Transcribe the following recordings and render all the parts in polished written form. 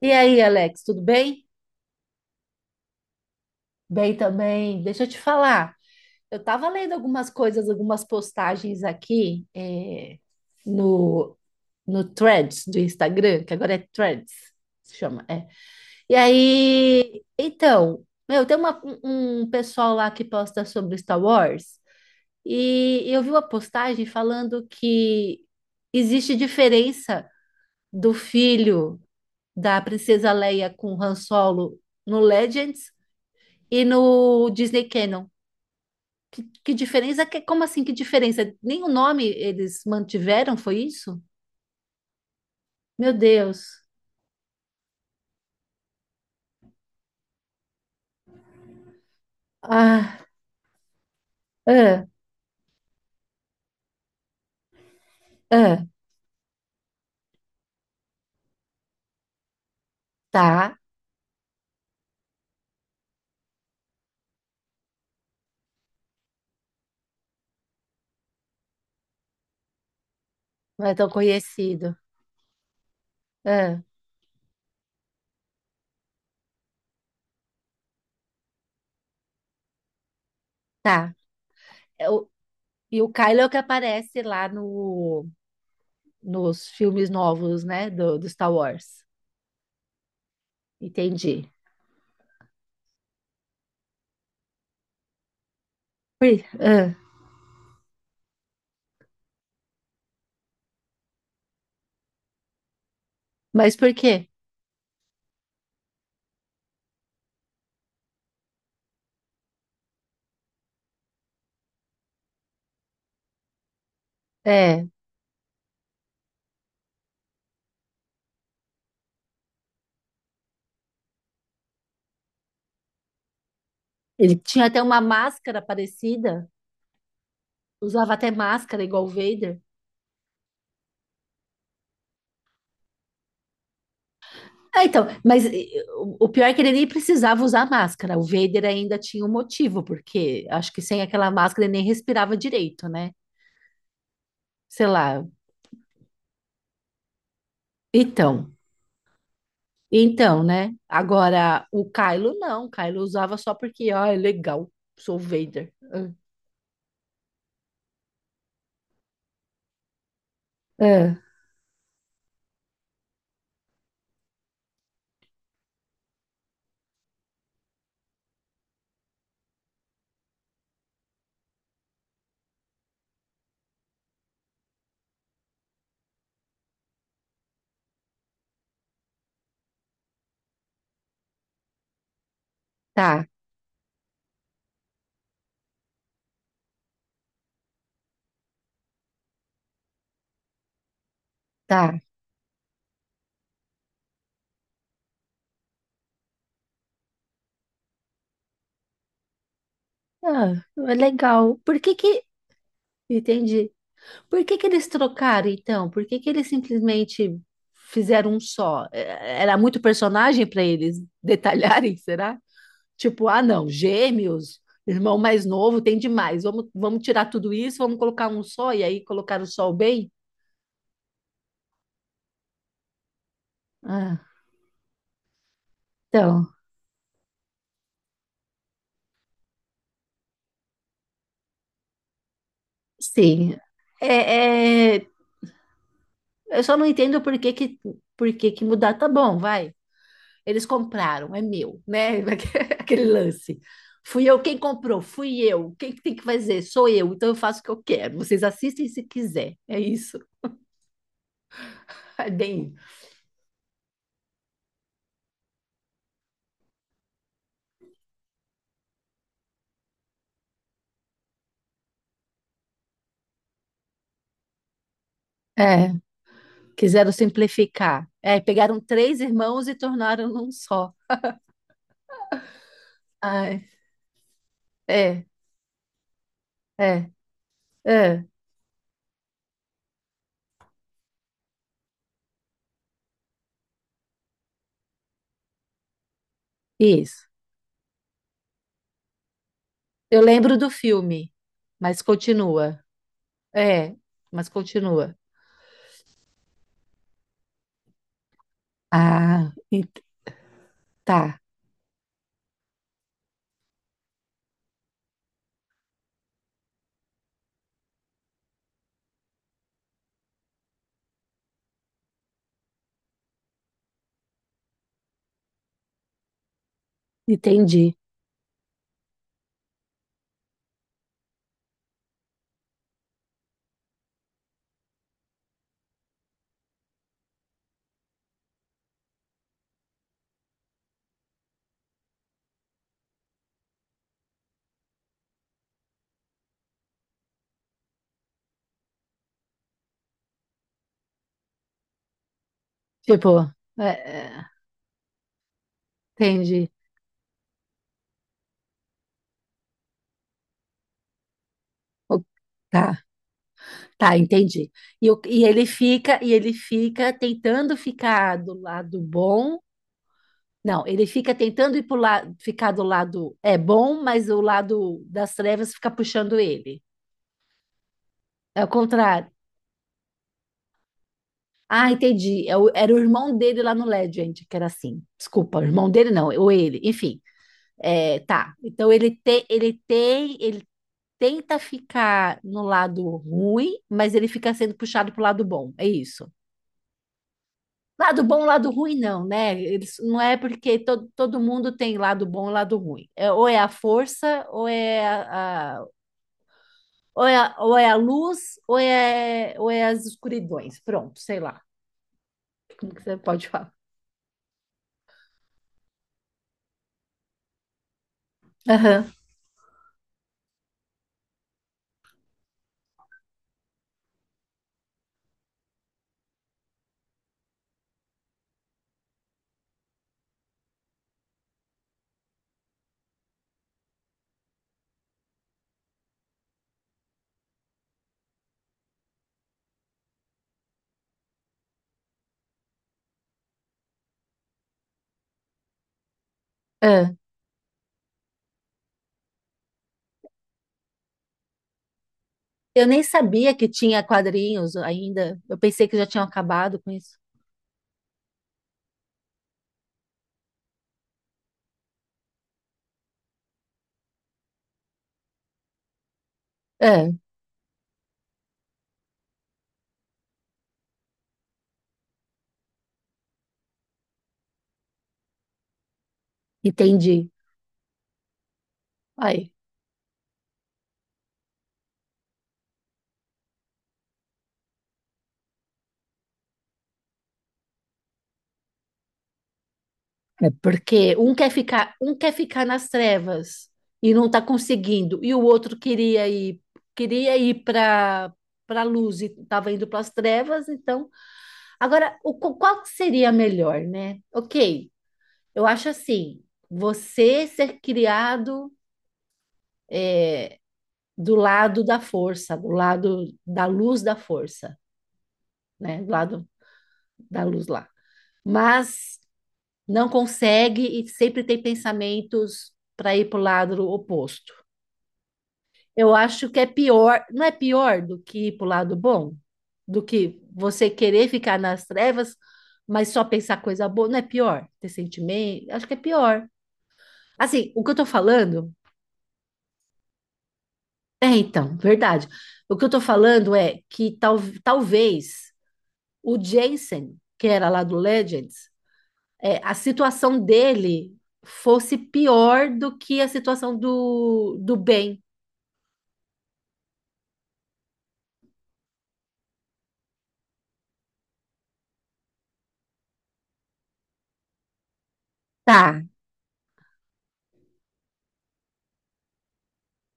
E aí, Alex, tudo bem? Bem também. Deixa eu te falar. Eu estava lendo algumas coisas, algumas postagens aqui no, no Threads do Instagram, que agora é Threads, se chama. É. E aí, então, meu, um pessoal lá que posta sobre Star Wars e eu vi uma postagem falando que existe diferença do filho da princesa Leia com Han Solo no Legends e no Disney Canon. Que diferença? Como assim? Que diferença? Nem o nome eles mantiveram, foi isso? Meu Deus. Ah, ah, ah, tá. Não é tão conhecido. Ah, tá. É o- e o Kylo é o que aparece lá no, nos filmes novos, né? Do Star Wars. Entendi. Ui, ah, mas por quê? É, ele tinha até uma máscara parecida, usava até máscara igual o Vader. Ah, então, mas o pior é que ele nem precisava usar máscara. O Vader ainda tinha um motivo, porque acho que sem aquela máscara ele nem respirava direito, né? Sei lá. Então, então, né? Agora, o Kylo não. O Kylo usava só porque, ó, é legal, sou o Vader. Ah, tá, tá. Ah, é legal. Entendi. Por que que eles trocaram, então? Por que que eles simplesmente fizeram um só? Era muito personagem para eles detalharem, será? Tipo, ah, não, gêmeos, irmão mais novo, tem demais. Vamos tirar tudo isso, vamos colocar um só, e aí colocar o sol bem? Ah, então, sim. É, é, eu só não entendo por que que mudar. Tá bom, vai. Eles compraram, é meu, né? Aquele lance. Fui eu quem comprou, fui eu. Quem que tem que fazer? Sou eu, então eu faço o que eu quero. Vocês assistem se quiser. É isso. É bem. É, quiseram simplificar. É, pegaram três irmãos e tornaram num só. Ai, é, é, é, isso. Eu lembro do filme, mas continua. É, mas continua. Ah, ent- tá, entendi. Tipo, é, é, entendi. O- Tá, tá, entendi. E ele fica tentando ficar do lado bom. Não, ele fica tentando ir pro lado, ficar do lado é bom, mas o lado das trevas fica puxando ele. É o contrário. Ah, entendi. Era o irmão dele lá no Legend, que era assim. Desculpa, o irmão dele não, ou ele, enfim. É, tá. Então ele tenta ficar no lado ruim, mas ele fica sendo puxado pro lado bom. É isso. Lado bom, lado ruim, não, né? Eles, não é porque todo mundo tem lado bom e lado ruim. É, ou é a força, ou ou é a luz, ou é as escuridões. Pronto, sei lá. Como que você pode falar? Aham. É. Eu nem sabia que tinha quadrinhos ainda. Eu pensei que já tinham acabado com isso. É, entendi. Aí, é porque um quer ficar nas trevas e não está conseguindo, e o outro queria ir para para luz e estava indo para as trevas, então, agora qual que seria melhor, né? OK. Eu acho assim, você ser criado é, do lado da força, do lado da luz da força, né? Do lado da luz lá. Mas não consegue e sempre tem pensamentos para ir para o lado oposto. Eu acho que é pior, não é pior do que ir para o lado bom? Do que você querer ficar nas trevas, mas só pensar coisa boa, não é pior? Ter sentimento, acho que é pior. Assim, o que eu tô falando, é então, verdade. O que eu tô falando é que tal, talvez o Jensen, que era lá do Legends, é, a situação dele fosse pior do que a situação do Ben. Tá,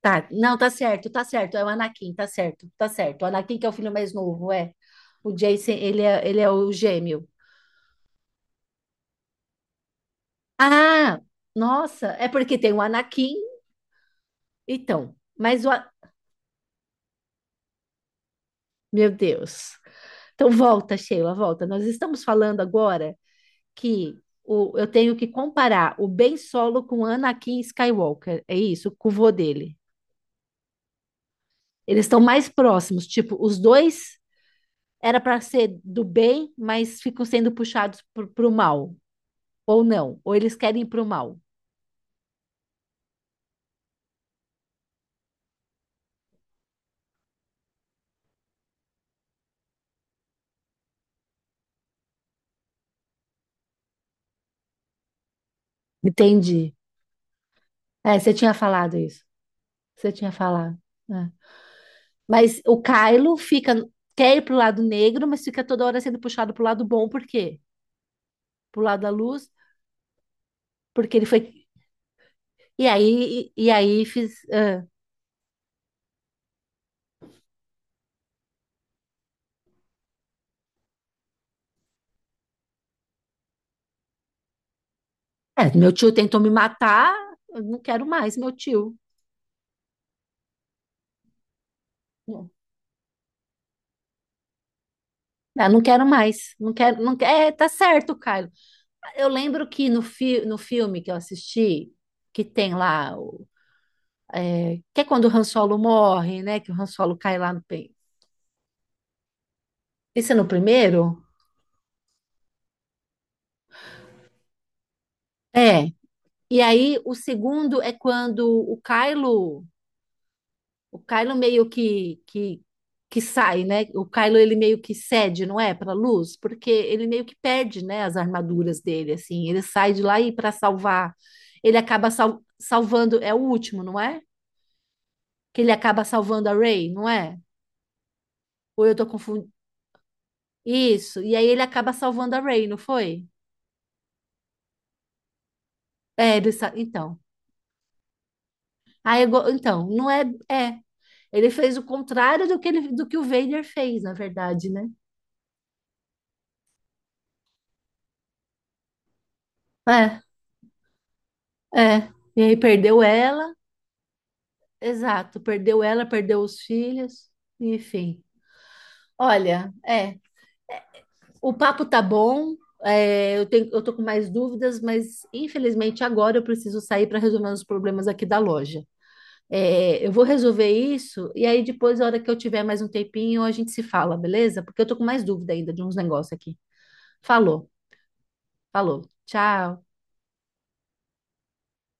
tá. Não, tá certo, tá certo. É o Anakin, tá certo, tá certo. O Anakin que é o filho mais novo, é. O Jason, ele é o gêmeo. Ah, nossa, é porque tem o Anakin, então. Mas o. A- Meu Deus. Então volta, Sheila, volta. Nós estamos falando agora que o, eu tenho que comparar o Ben Solo com o Anakin Skywalker. É isso, com o vô dele. Eles estão mais próximos. Tipo, os dois era para ser do bem, mas ficam sendo puxados para o mal. Ou não. Ou eles querem ir para o mal. Entendi. É, você tinha falado isso. Você tinha falado. É. Mas o Kylo fica, quer ir pro lado negro, mas fica toda hora sendo puxado pro lado bom. Por quê? Pro lado da luz. Porque ele foi. E aí fiz. É, é, meu tio tentou me matar. Eu não quero mais, meu tio. Não, não quero mais. Não quero, não quero. É, tá certo, Kylo. Eu lembro que no filme que eu assisti, que tem lá, que é quando o Han Solo morre, né? Que o Han Solo cai lá no peito. Esse é no primeiro? É. E aí o segundo é quando o Kylo que sai, né? O Kylo ele meio que cede, não é, para luz, porque ele meio que perde, né, as armaduras dele, assim. Ele sai de lá e para salvar, ele acaba salvando, é o último, não é? Que ele acaba salvando a Rey, não é? Ou eu tô confundindo. Isso. E aí ele acaba salvando a Ray, não foi? Então. Então, não é. É. Ele fez o contrário do que, ele, do que o Vader fez, na verdade, né? É, é. E aí perdeu ela. Exato. Perdeu ela, perdeu os filhos. Enfim. Olha, é. O papo tá bom. É, eu tenho, eu tô com mais dúvidas, mas infelizmente agora eu preciso sair para resolver os problemas aqui da loja. É, eu vou resolver isso e aí depois, na hora que eu tiver mais um tempinho, a gente se fala, beleza? Porque eu tô com mais dúvida ainda de uns negócios aqui. Falou, falou. Tchau.